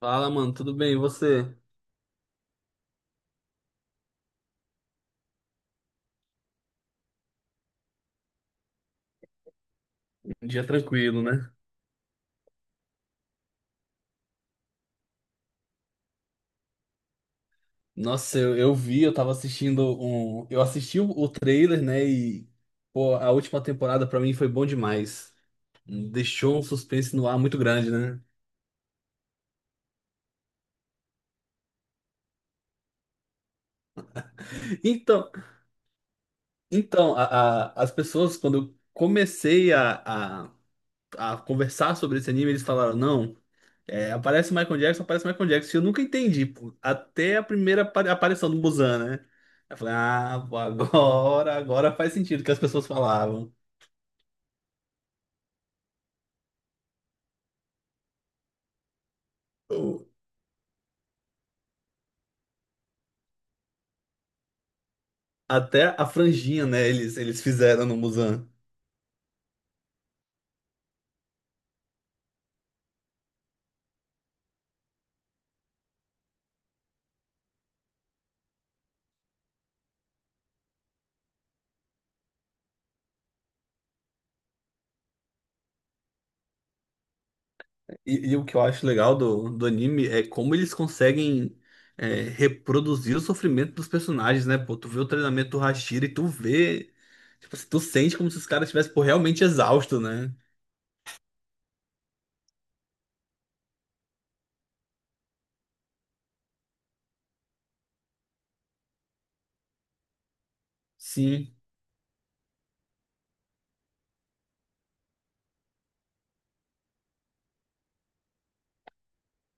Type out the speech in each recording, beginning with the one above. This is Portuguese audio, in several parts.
Fala, mano, tudo bem? E você? Um dia tranquilo, né? Nossa, eu vi, eu tava assistindo um. Eu assisti o trailer, né? E, pô, a última temporada pra mim foi bom demais. Deixou um suspense no ar muito grande, né? Então, então, as pessoas, quando eu comecei a conversar sobre esse anime, eles falaram: não. É, aparece o Michael Jackson, aparece o Michael Jackson. E eu nunca entendi, pô. Até a primeira aparição do Muzan, né? Eu falei, ah, pô, agora faz sentido o que as pessoas falavam. O- Até a franjinha, né? Eles fizeram no Muzan. E o que eu acho legal do anime é como eles conseguem é, reproduzir o sofrimento dos personagens, né? Pô, tu vê o treinamento do Hashira e tu vê. Tipo assim, tu sente como se os caras estivessem, pô, realmente exaustos, né? Sim.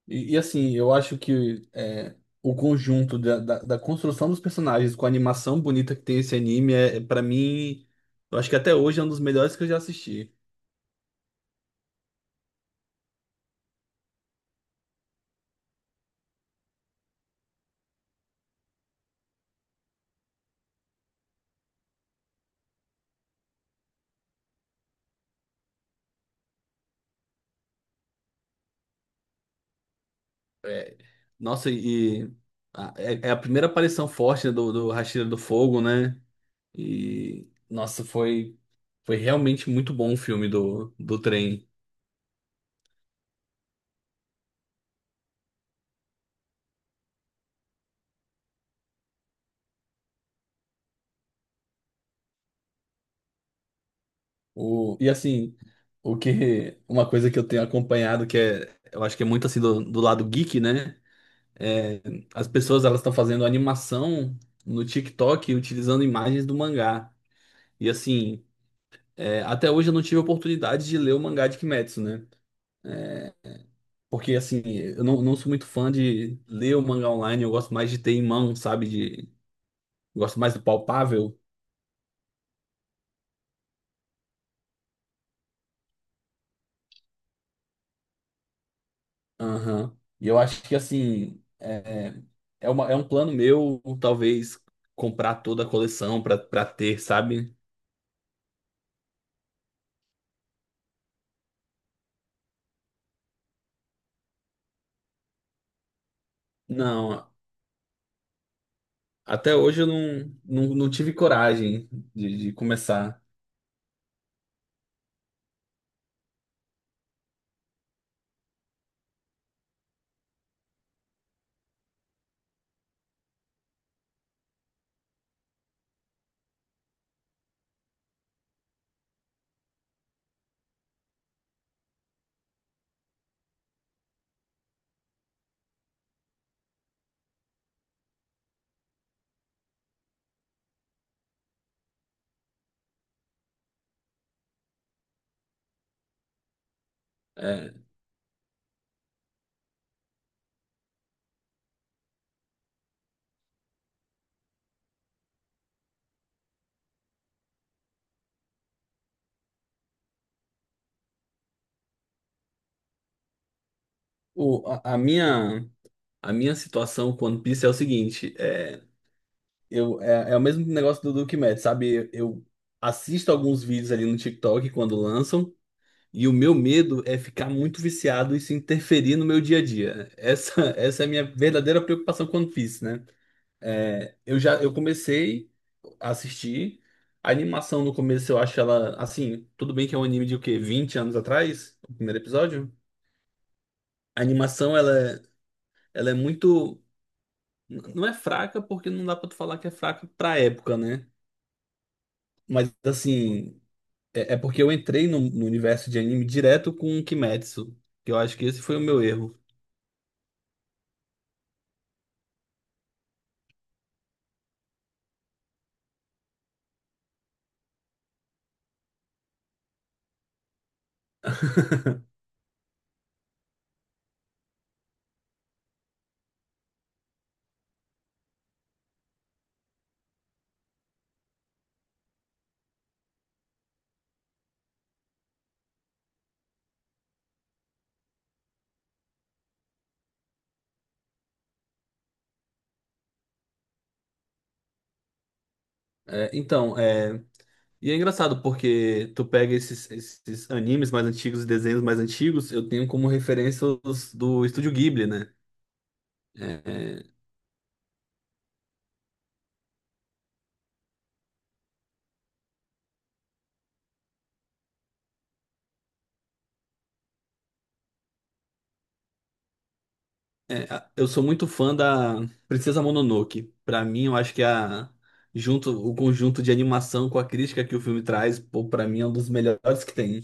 E, assim, eu acho que é, o conjunto da construção dos personagens com a animação bonita que tem esse anime, é, é, para mim, eu acho que até hoje é um dos melhores que eu já assisti. É, nossa, e é a primeira aparição forte, né, do Hashira do Fogo, né? E, nossa, foi realmente muito bom o filme do trem. E assim, uma coisa que eu tenho acompanhado, que é, eu acho que é muito assim do lado geek, né? É, as pessoas elas estão fazendo animação no TikTok utilizando imagens do mangá. E assim, é, até hoje eu não tive a oportunidade de ler o mangá de Kimetsu, né? Porque assim, eu não sou muito fã de ler o mangá online, eu gosto mais de ter em mão, sabe? Eu gosto mais do palpável. Aham. E eu acho que assim, é um plano meu, talvez, comprar toda a coleção para ter, sabe? Não. Até hoje eu não tive coragem de começar. É, o, a, a minha, a minha situação com One Piece é o seguinte: é o mesmo negócio do Duke Mad, sabe? Eu assisto alguns vídeos ali no TikTok quando lançam, e o meu medo é ficar muito viciado e se interferir no meu dia a dia. Essa é a minha verdadeira preocupação com One Piece, né? É, eu já eu comecei a assistir. A animação no começo eu acho ela assim, tudo bem que é um anime de o quê? 20 anos atrás, o primeiro episódio. A animação ela é muito não é fraca porque não dá pra tu falar que é fraca pra época, né? Mas assim, é porque eu entrei no, no universo de anime direto com o Kimetsu, que eu acho que esse foi o meu erro. É, então, é, e é engraçado porque tu pega esses animes mais antigos e desenhos mais antigos, eu tenho como referência os do Estúdio Ghibli, né? É, eu sou muito fã da Princesa Mononoke. Pra mim, eu acho que a junto o conjunto de animação com a crítica que o filme traz, pô, para mim é um dos melhores que tem.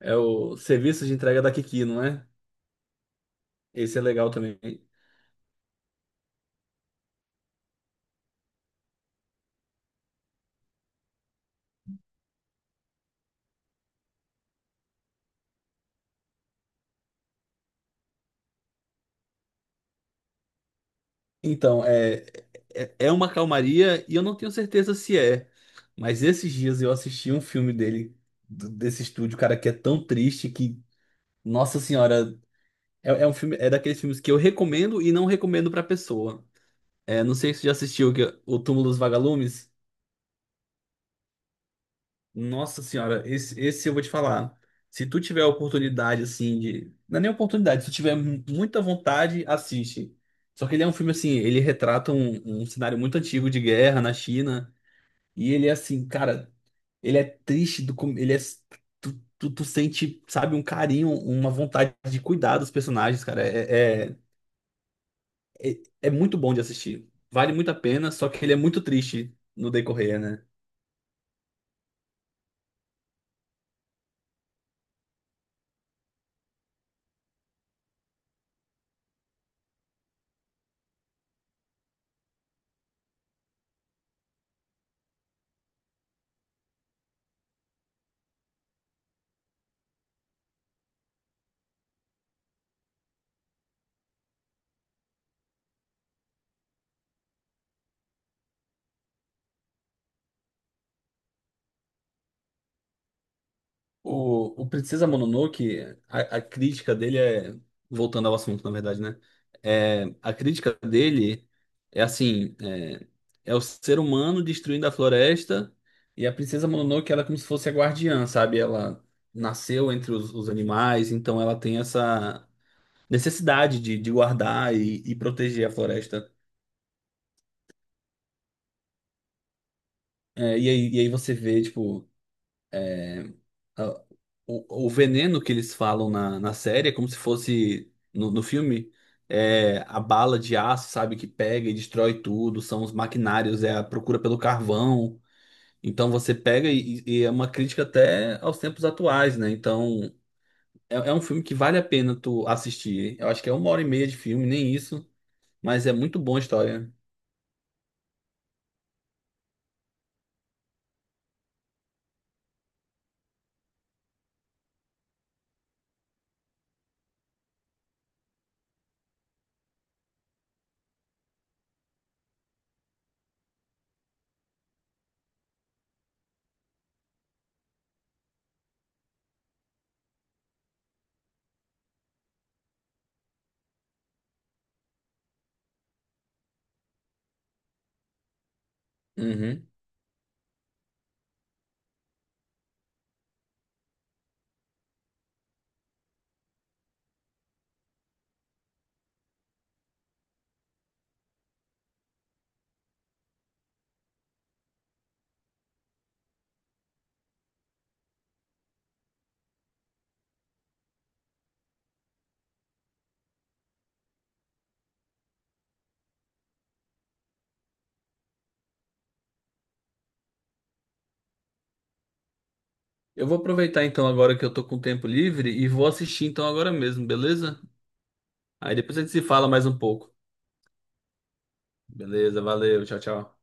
É o serviço de entrega da Kiki, não é? Esse é legal também. Então, é uma calmaria e eu não tenho certeza se é. Mas esses dias eu assisti um filme dele, desse estúdio, cara, que é tão triste que, nossa senhora, é um filme, é daqueles filmes que eu recomendo e não recomendo pra pessoa. É, não sei se você já assistiu que- é O Túmulo dos Vagalumes. Nossa senhora, esse eu vou te falar. Se tu tiver a oportunidade, assim, de. Não é nem oportunidade, se tu tiver muita vontade, assiste. Só que ele é um filme assim, ele retrata um cenário muito antigo de guerra na China. E ele é assim, cara, ele é triste do com- ele é tu sente, sabe, um carinho, uma vontade de cuidar dos personagens, cara. É, muito bom de assistir. Vale muito a pena, só que ele é muito triste no decorrer, né? O Princesa Mononoke, a crítica dele é. Voltando ao assunto, na verdade, né? É, a crítica dele é assim: é o ser humano destruindo a floresta e a Princesa Mononoke, ela é como se fosse a guardiã, sabe? Ela nasceu entre os animais, então ela tem essa necessidade de guardar e proteger a floresta. É, e aí você vê, tipo. Ah, o veneno que eles falam na série é como se fosse no filme é a bala de aço, sabe, que pega e destrói tudo, são os maquinários, é a procura pelo carvão. Então você pega e é uma crítica até aos tempos atuais, né? Então é, é um filme que vale a pena tu assistir. Eu acho que é uma hora e meia de filme, nem isso, mas é muito boa a história. Uhum. Eu vou aproveitar então agora que eu tô com tempo livre e vou assistir então agora mesmo, beleza? Aí depois a gente se fala mais um pouco. Beleza, valeu, tchau, tchau.